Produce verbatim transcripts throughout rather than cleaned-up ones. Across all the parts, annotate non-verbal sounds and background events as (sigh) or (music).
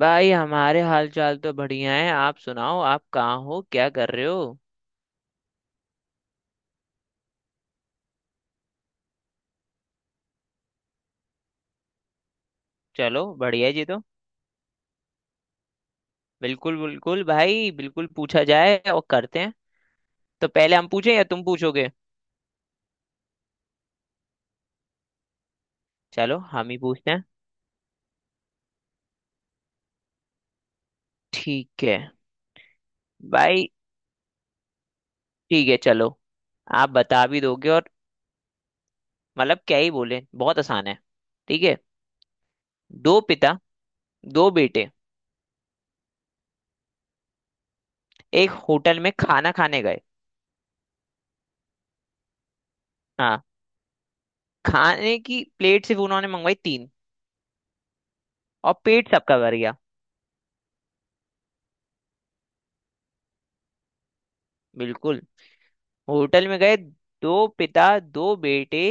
भाई हमारे हाल चाल तो बढ़िया है। आप सुनाओ, आप कहाँ हो, क्या कर रहे हो। चलो बढ़िया जी। तो बिल्कुल बिल्कुल भाई, बिल्कुल पूछा जाए और करते हैं। तो पहले हम पूछें या तुम पूछोगे। चलो हम ही पूछते हैं। ठीक है भाई। ठीक है चलो। आप बता भी दोगे और मतलब क्या ही बोले, बहुत आसान है। ठीक है। दो पिता दो बेटे एक होटल में खाना खाने गए। हाँ। खाने की प्लेट सिर्फ उन्होंने मंगवाई तीन, और पेट सबका भर गया। बिल्कुल। होटल में गए, दो पिता दो बेटे,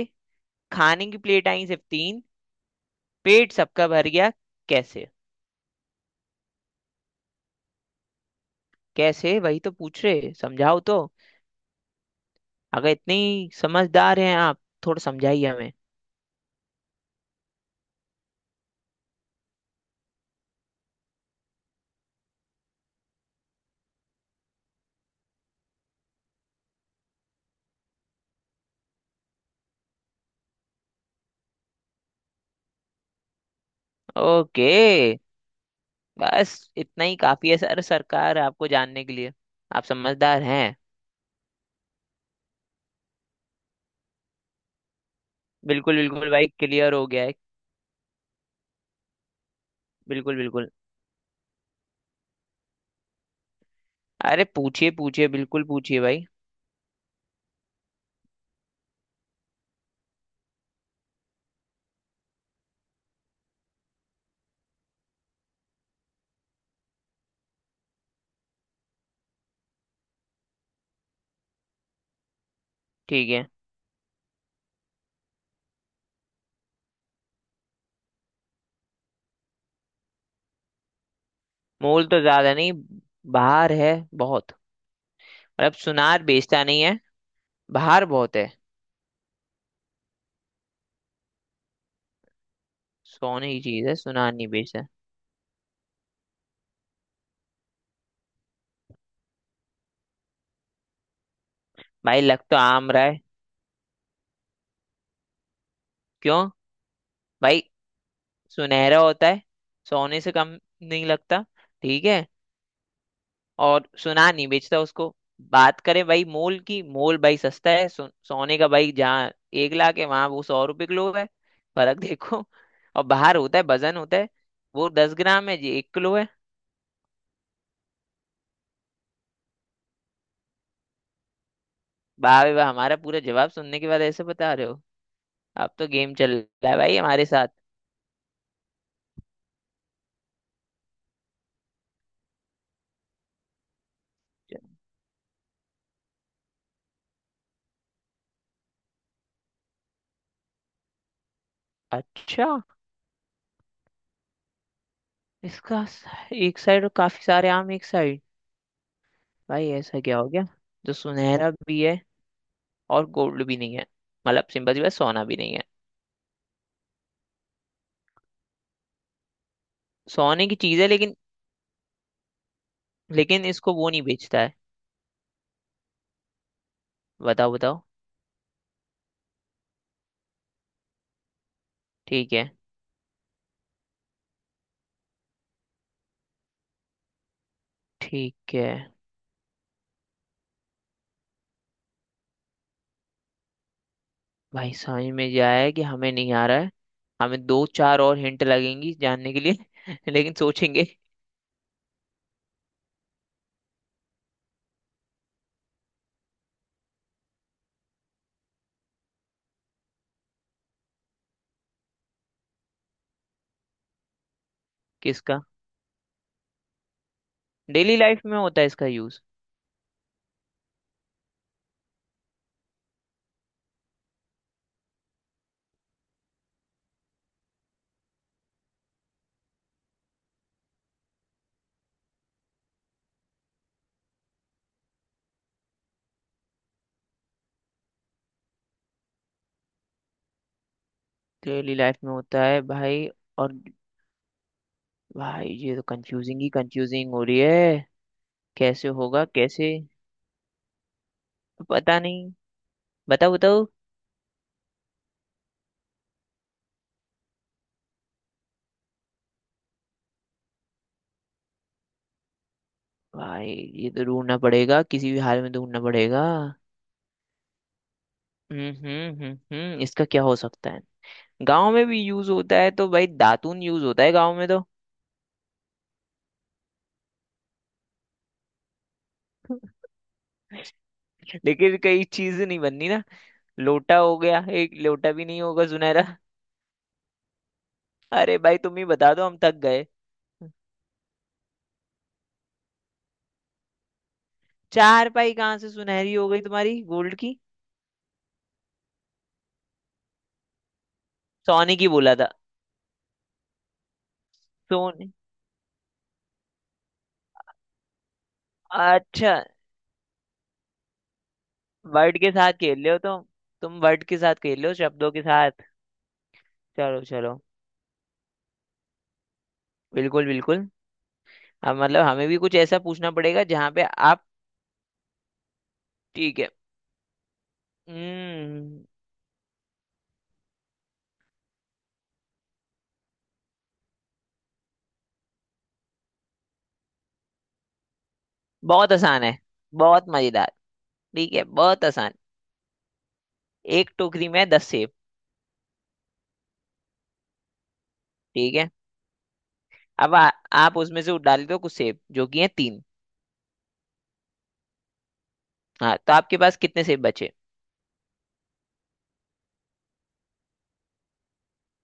खाने की प्लेट आई सिर्फ तीन, पेट सबका भर गया। कैसे। कैसे, वही तो पूछ रहे, समझाओ तो। अगर इतने ही समझदार हैं आप, थोड़ा समझाइए हमें। ओके। बस इतना ही काफी है सर सरकार आपको जानने के लिए। आप समझदार हैं। बिल्कुल बिल्कुल भाई, क्लियर हो गया है। बिल्कुल बिल्कुल। अरे पूछिए पूछिए, बिल्कुल पूछिए भाई। ठीक है। मोल तो ज्यादा नहीं, बहार है बहुत। मतलब सुनार बेचता नहीं है, बाहर बहुत है। सोने की चीज है, सुनार नहीं बेचता। भाई लग तो आम रहा है। क्यों। भाई सुनहरा होता है, सोने से कम नहीं लगता। ठीक है। और सुनार नहीं बेचता उसको। बात करें भाई मोल की, मोल भाई सस्ता है। सो, सोने का भाई, जहाँ एक लाख है वहां वो सौ रुपए किलो है। फर्क देखो। और बाहर होता है, वजन होता है, वो दस ग्राम है जी, एक किलो है। वाह भाई वाह, हमारा पूरा जवाब सुनने के बाद ऐसे बता रहे हो। अब तो गेम चल रहा है भाई हमारे साथ। अच्छा। इसका स- एक साइड और काफी सारे आम एक साइड। भाई ऐसा क्या हो गया जो सुनहरा भी है और गोल्ड भी नहीं है, मतलब सिंपल सी बात, सोना भी नहीं है। सोने की चीज है लेकिन, लेकिन इसको वो नहीं बेचता है। बताओ बताओ। ठीक है। ठीक है भाई, समझ में जाए कि हमें नहीं आ रहा है। हमें दो चार और हिंट लगेंगी जानने के लिए (laughs) लेकिन सोचेंगे। किसका। डेली लाइफ में होता है इसका यूज। डेली लाइफ में होता है भाई। और भाई ये तो कंफ्यूजिंग ही कंफ्यूजिंग हो रही है। कैसे होगा, कैसे तो पता नहीं। बताओ बताओ। भाई ये तो ढूंढना पड़ेगा, किसी भी हाल में ढूंढना पड़ेगा। हम्म हम्म हम्म हम्म, इसका क्या हो सकता है। गांव में भी यूज होता है तो भाई दातून यूज होता है गांव में तो। (laughs) लेकिन कई चीज नहीं बननी ना। लोटा हो गया, एक लोटा भी नहीं होगा सुनहरा। अरे भाई तुम ही बता दो, हम थक गए। चार पाई कहाँ से सुनहरी हो गई तुम्हारी गोल्ड की। सोने की बोला था। सोने। अच्छा, वर्ड के साथ खेल रहे हो तुम। तुम वर्ड के साथ खेल रहे हो, शब्दों के साथ। चलो चलो, बिल्कुल बिल्कुल। हम मतलब हमें भी कुछ ऐसा पूछना पड़ेगा जहाँ पे आप। ठीक है। हम्म। बहुत आसान है, बहुत मजेदार। ठीक है, बहुत आसान। एक टोकरी में दस सेब। ठीक है। अब आ, आप उसमें से डाल दो कुछ सेब, जो कि है तीन। हाँ, तो आपके पास कितने सेब बचे।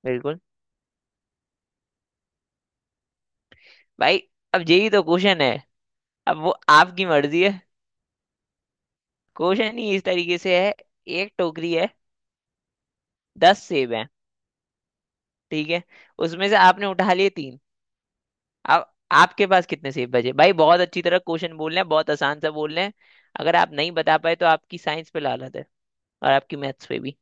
बिल्कुल। भाई अब यही तो क्वेश्चन है। अब वो आपकी मर्जी है। क्वेश्चन ही इस तरीके से है। एक टोकरी है, दस सेब है, ठीक है, उसमें से आपने उठा लिए तीन। अब आपके पास कितने सेब बचे। भाई बहुत अच्छी तरह क्वेश्चन बोल रहे हैं, बहुत आसान सा बोल रहे हैं। अगर आप नहीं बता पाए तो आपकी साइंस पे लानत है, और आपकी मैथ्स पे भी।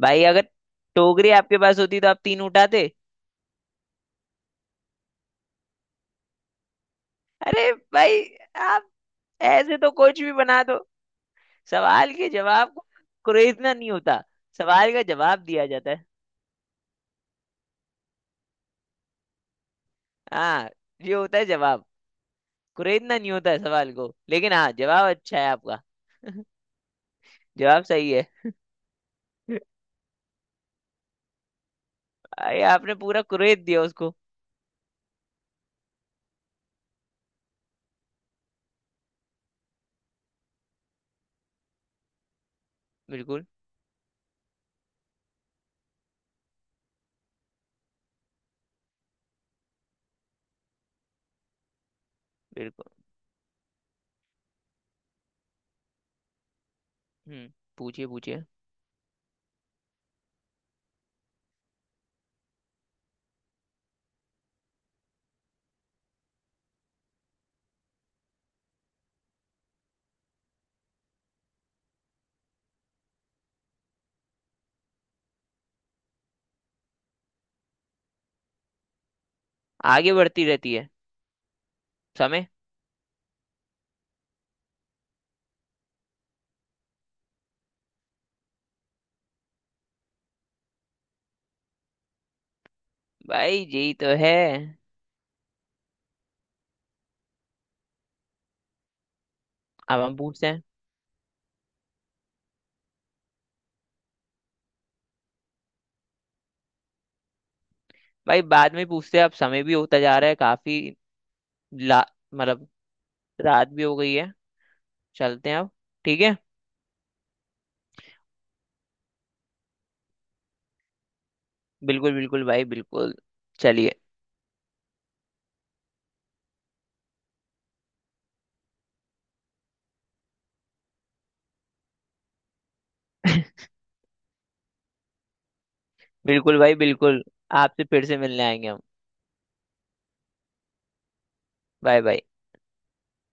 भाई अगर टोकरी आपके पास होती तो आप तीन उठाते। अरे भाई आप ऐसे तो कुछ भी बना दो। सवाल के जवाब को कुरेदना नहीं होता, सवाल का जवाब दिया जाता है। हाँ। ये होता है जवाब। कुरेदना नहीं होता है सवाल को, लेकिन हाँ जवाब अच्छा है आपका। जवाब सही है। अरे आपने पूरा कुरेद दिया उसको। बिल्कुल बिल्कुल। हम्म। पूछिए पूछिए। आगे बढ़ती रहती है। समय। भाई यही तो है। अब हम पूछते हैं। भाई बाद में पूछते हैं, अब समय भी होता जा रहा है काफी। ला मतलब, रात भी हो गई है, चलते हैं अब। ठीक है। बिल्कुल बिल्कुल भाई, बिल्कुल। चलिए। (laughs) बिल्कुल भाई बिल्कुल, आपसे फिर से मिलने आएंगे हम। Bye bye.